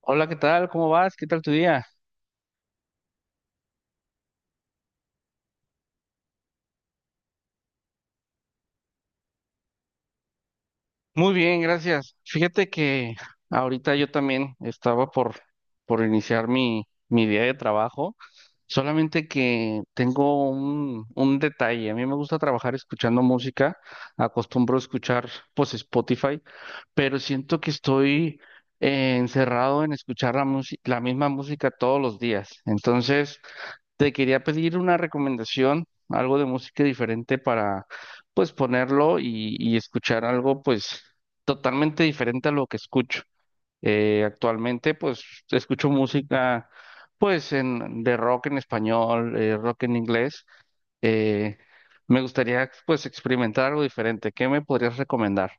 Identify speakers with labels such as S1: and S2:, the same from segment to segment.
S1: Hola, ¿qué tal? ¿Cómo vas? ¿Qué tal tu día? Muy bien, gracias. Fíjate que ahorita yo también estaba por iniciar mi día de trabajo, solamente que tengo un detalle. A mí me gusta trabajar escuchando música, acostumbro a escuchar pues Spotify, pero siento que estoy encerrado en escuchar la misma música todos los días. Entonces, te quería pedir una recomendación, algo de música diferente para, pues, ponerlo y escuchar algo, pues, totalmente diferente a lo que escucho. Actualmente, pues, escucho música, pues, en, de rock en español, rock en inglés. Eh, Me gustaría, pues, experimentar algo diferente. ¿Qué me podrías recomendar?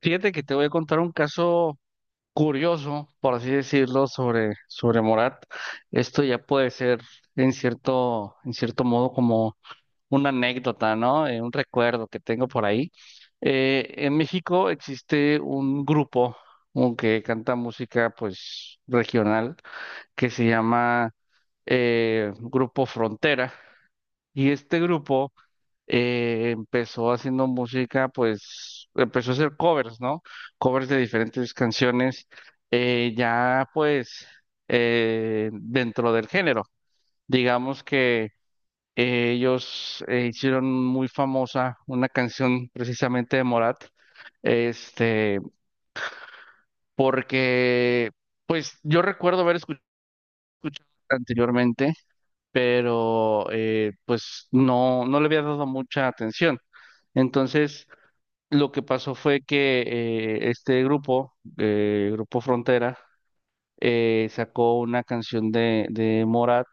S1: Fíjate que te voy a contar un caso curioso, por así decirlo, sobre Morat. Esto ya puede ser en cierto modo como una anécdota, ¿no? Un recuerdo que tengo por ahí. En México existe un grupo un que canta música pues regional que se llama Grupo Frontera. Y este grupo empezó haciendo música, pues empezó a hacer covers, ¿no? Covers de diferentes canciones, ya pues dentro del género. Digamos que ellos hicieron muy famosa una canción precisamente de Morat, este, porque pues yo recuerdo haber escuchado anteriormente, pero pues no, no le había dado mucha atención. Entonces, lo que pasó fue que este grupo, Grupo Frontera, sacó una canción de Morat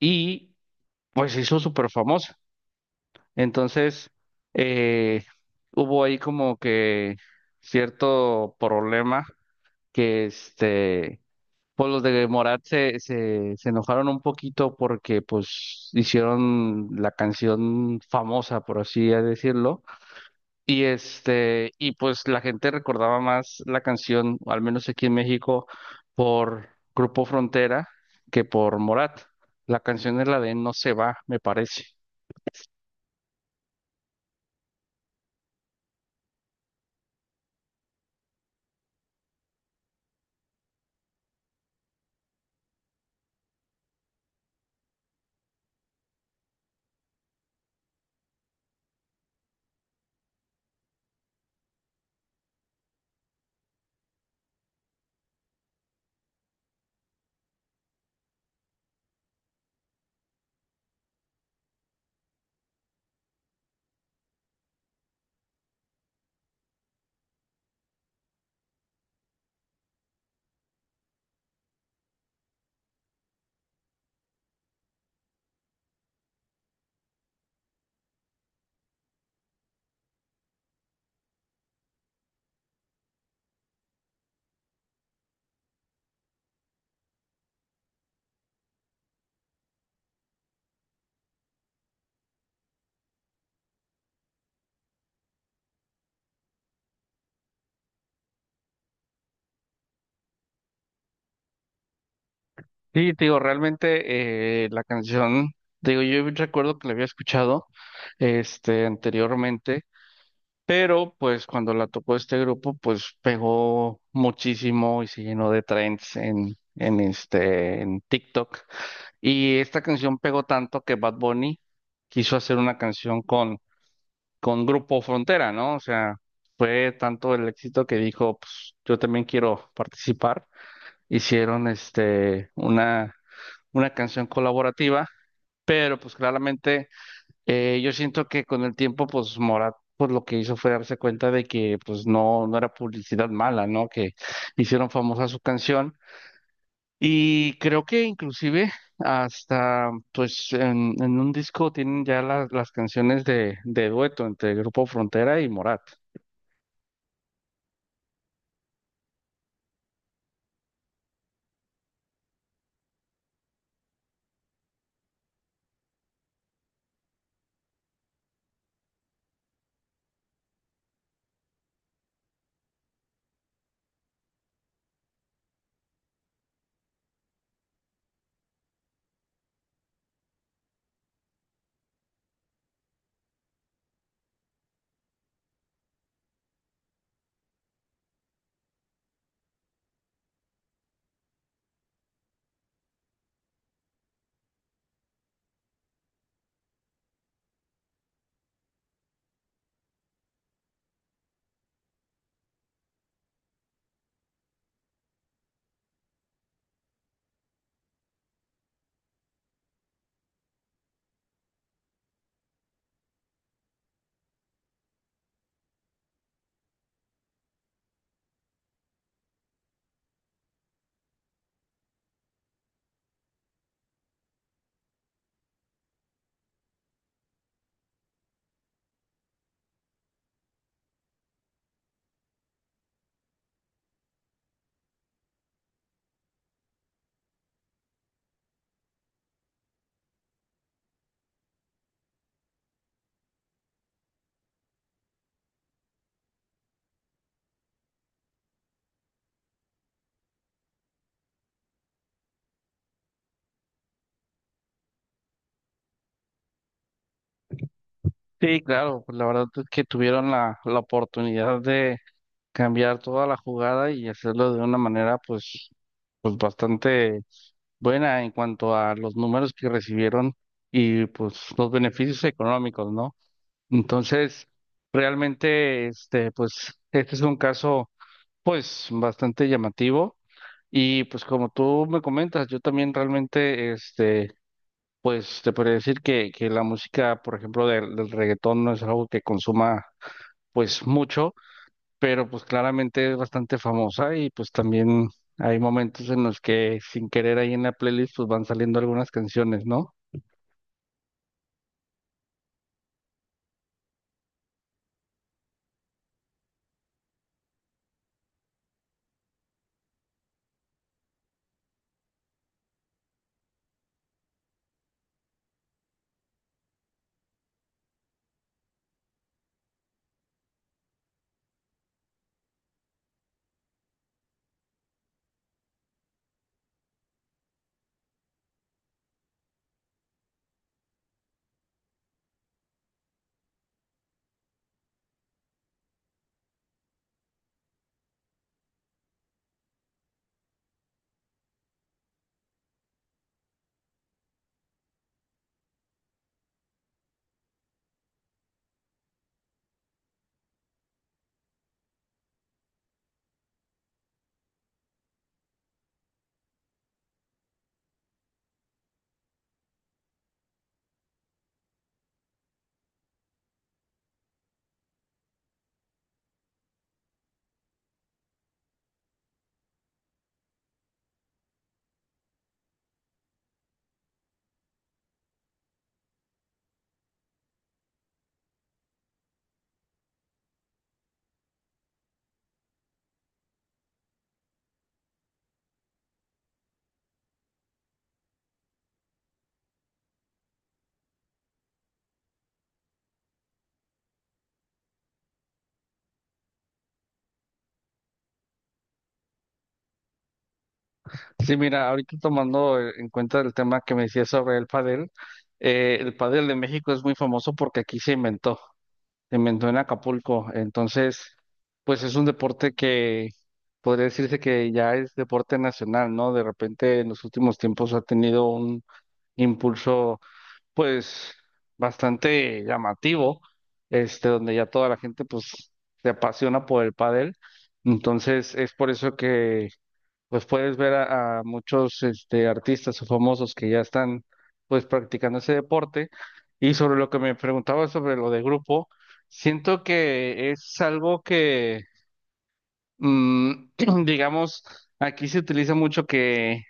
S1: y pues se hizo súper famosa. Entonces, eh, hubo ahí como que cierto problema que este, pues los de Morat se enojaron un poquito porque pues hicieron la canción famosa, por así decirlo. Y este, y pues la gente recordaba más la canción, al menos aquí en México, por Grupo Frontera que por Morat. La canción es la de No se va, me parece. Sí, te digo, realmente la canción, te digo, yo recuerdo que la había escuchado este anteriormente, pero pues cuando la tocó este grupo, pues pegó muchísimo y se llenó de trends en TikTok. Y esta canción pegó tanto que Bad Bunny quiso hacer una canción con Grupo Frontera, ¿no? O sea, fue tanto el éxito que dijo, pues yo también quiero participar. Hicieron este una canción colaborativa, pero pues claramente yo siento que con el tiempo, pues Morat, pues lo que hizo fue darse cuenta de que pues no, no era publicidad mala, ¿no? Que hicieron famosa su canción y creo que inclusive hasta pues en un disco tienen ya las canciones de dueto entre Grupo Frontera y Morat. Sí, claro, pues la verdad es que tuvieron la oportunidad de cambiar toda la jugada y hacerlo de una manera pues, pues bastante buena en cuanto a los números que recibieron y pues los beneficios económicos, ¿no? Entonces, realmente, este, pues, este es un caso pues bastante llamativo. Y pues como tú me comentas, yo también realmente, este, pues te podría decir que la música, por ejemplo, del reggaetón no es algo que consuma pues mucho, pero pues claramente es bastante famosa y pues también hay momentos en los que sin querer ahí en la playlist pues van saliendo algunas canciones, ¿no? Sí, mira, ahorita tomando en cuenta el tema que me decías sobre el padel de México es muy famoso porque aquí se inventó. Se inventó en Acapulco. Entonces, pues es un deporte que podría decirse que ya es deporte nacional, ¿no? De repente en los últimos tiempos ha tenido un impulso, pues, bastante llamativo, este, donde ya toda la gente, pues, se apasiona por el pádel. Entonces, es por eso que pues puedes ver a muchos este, artistas o famosos que ya están pues practicando ese deporte. Y sobre lo que me preguntaba sobre lo de grupo, siento que es algo que, mm, digamos, aquí se utiliza mucho que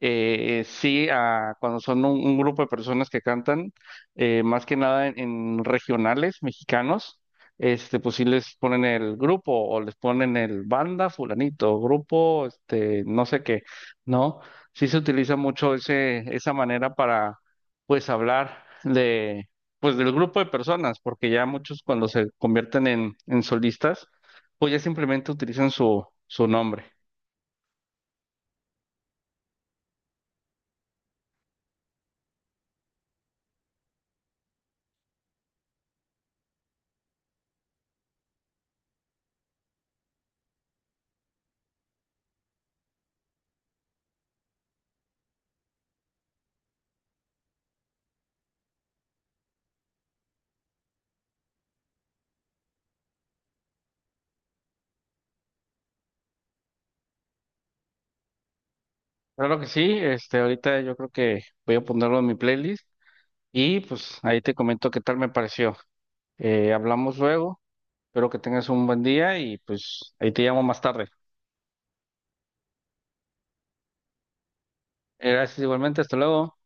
S1: sí a cuando son un grupo de personas que cantan, más que nada en regionales mexicanos, este, pues sí les ponen el grupo o les ponen el banda fulanito, grupo, este, no sé qué, ¿no? Sí se utiliza mucho ese, esa manera para, pues, hablar de, pues, del grupo de personas, porque ya muchos cuando se convierten en solistas, pues ya simplemente utilizan su nombre. Claro que sí, este, ahorita yo creo que voy a ponerlo en mi playlist y pues ahí te comento qué tal me pareció. Hablamos luego, espero que tengas un buen día y pues ahí te llamo más tarde. Gracias igualmente, hasta luego.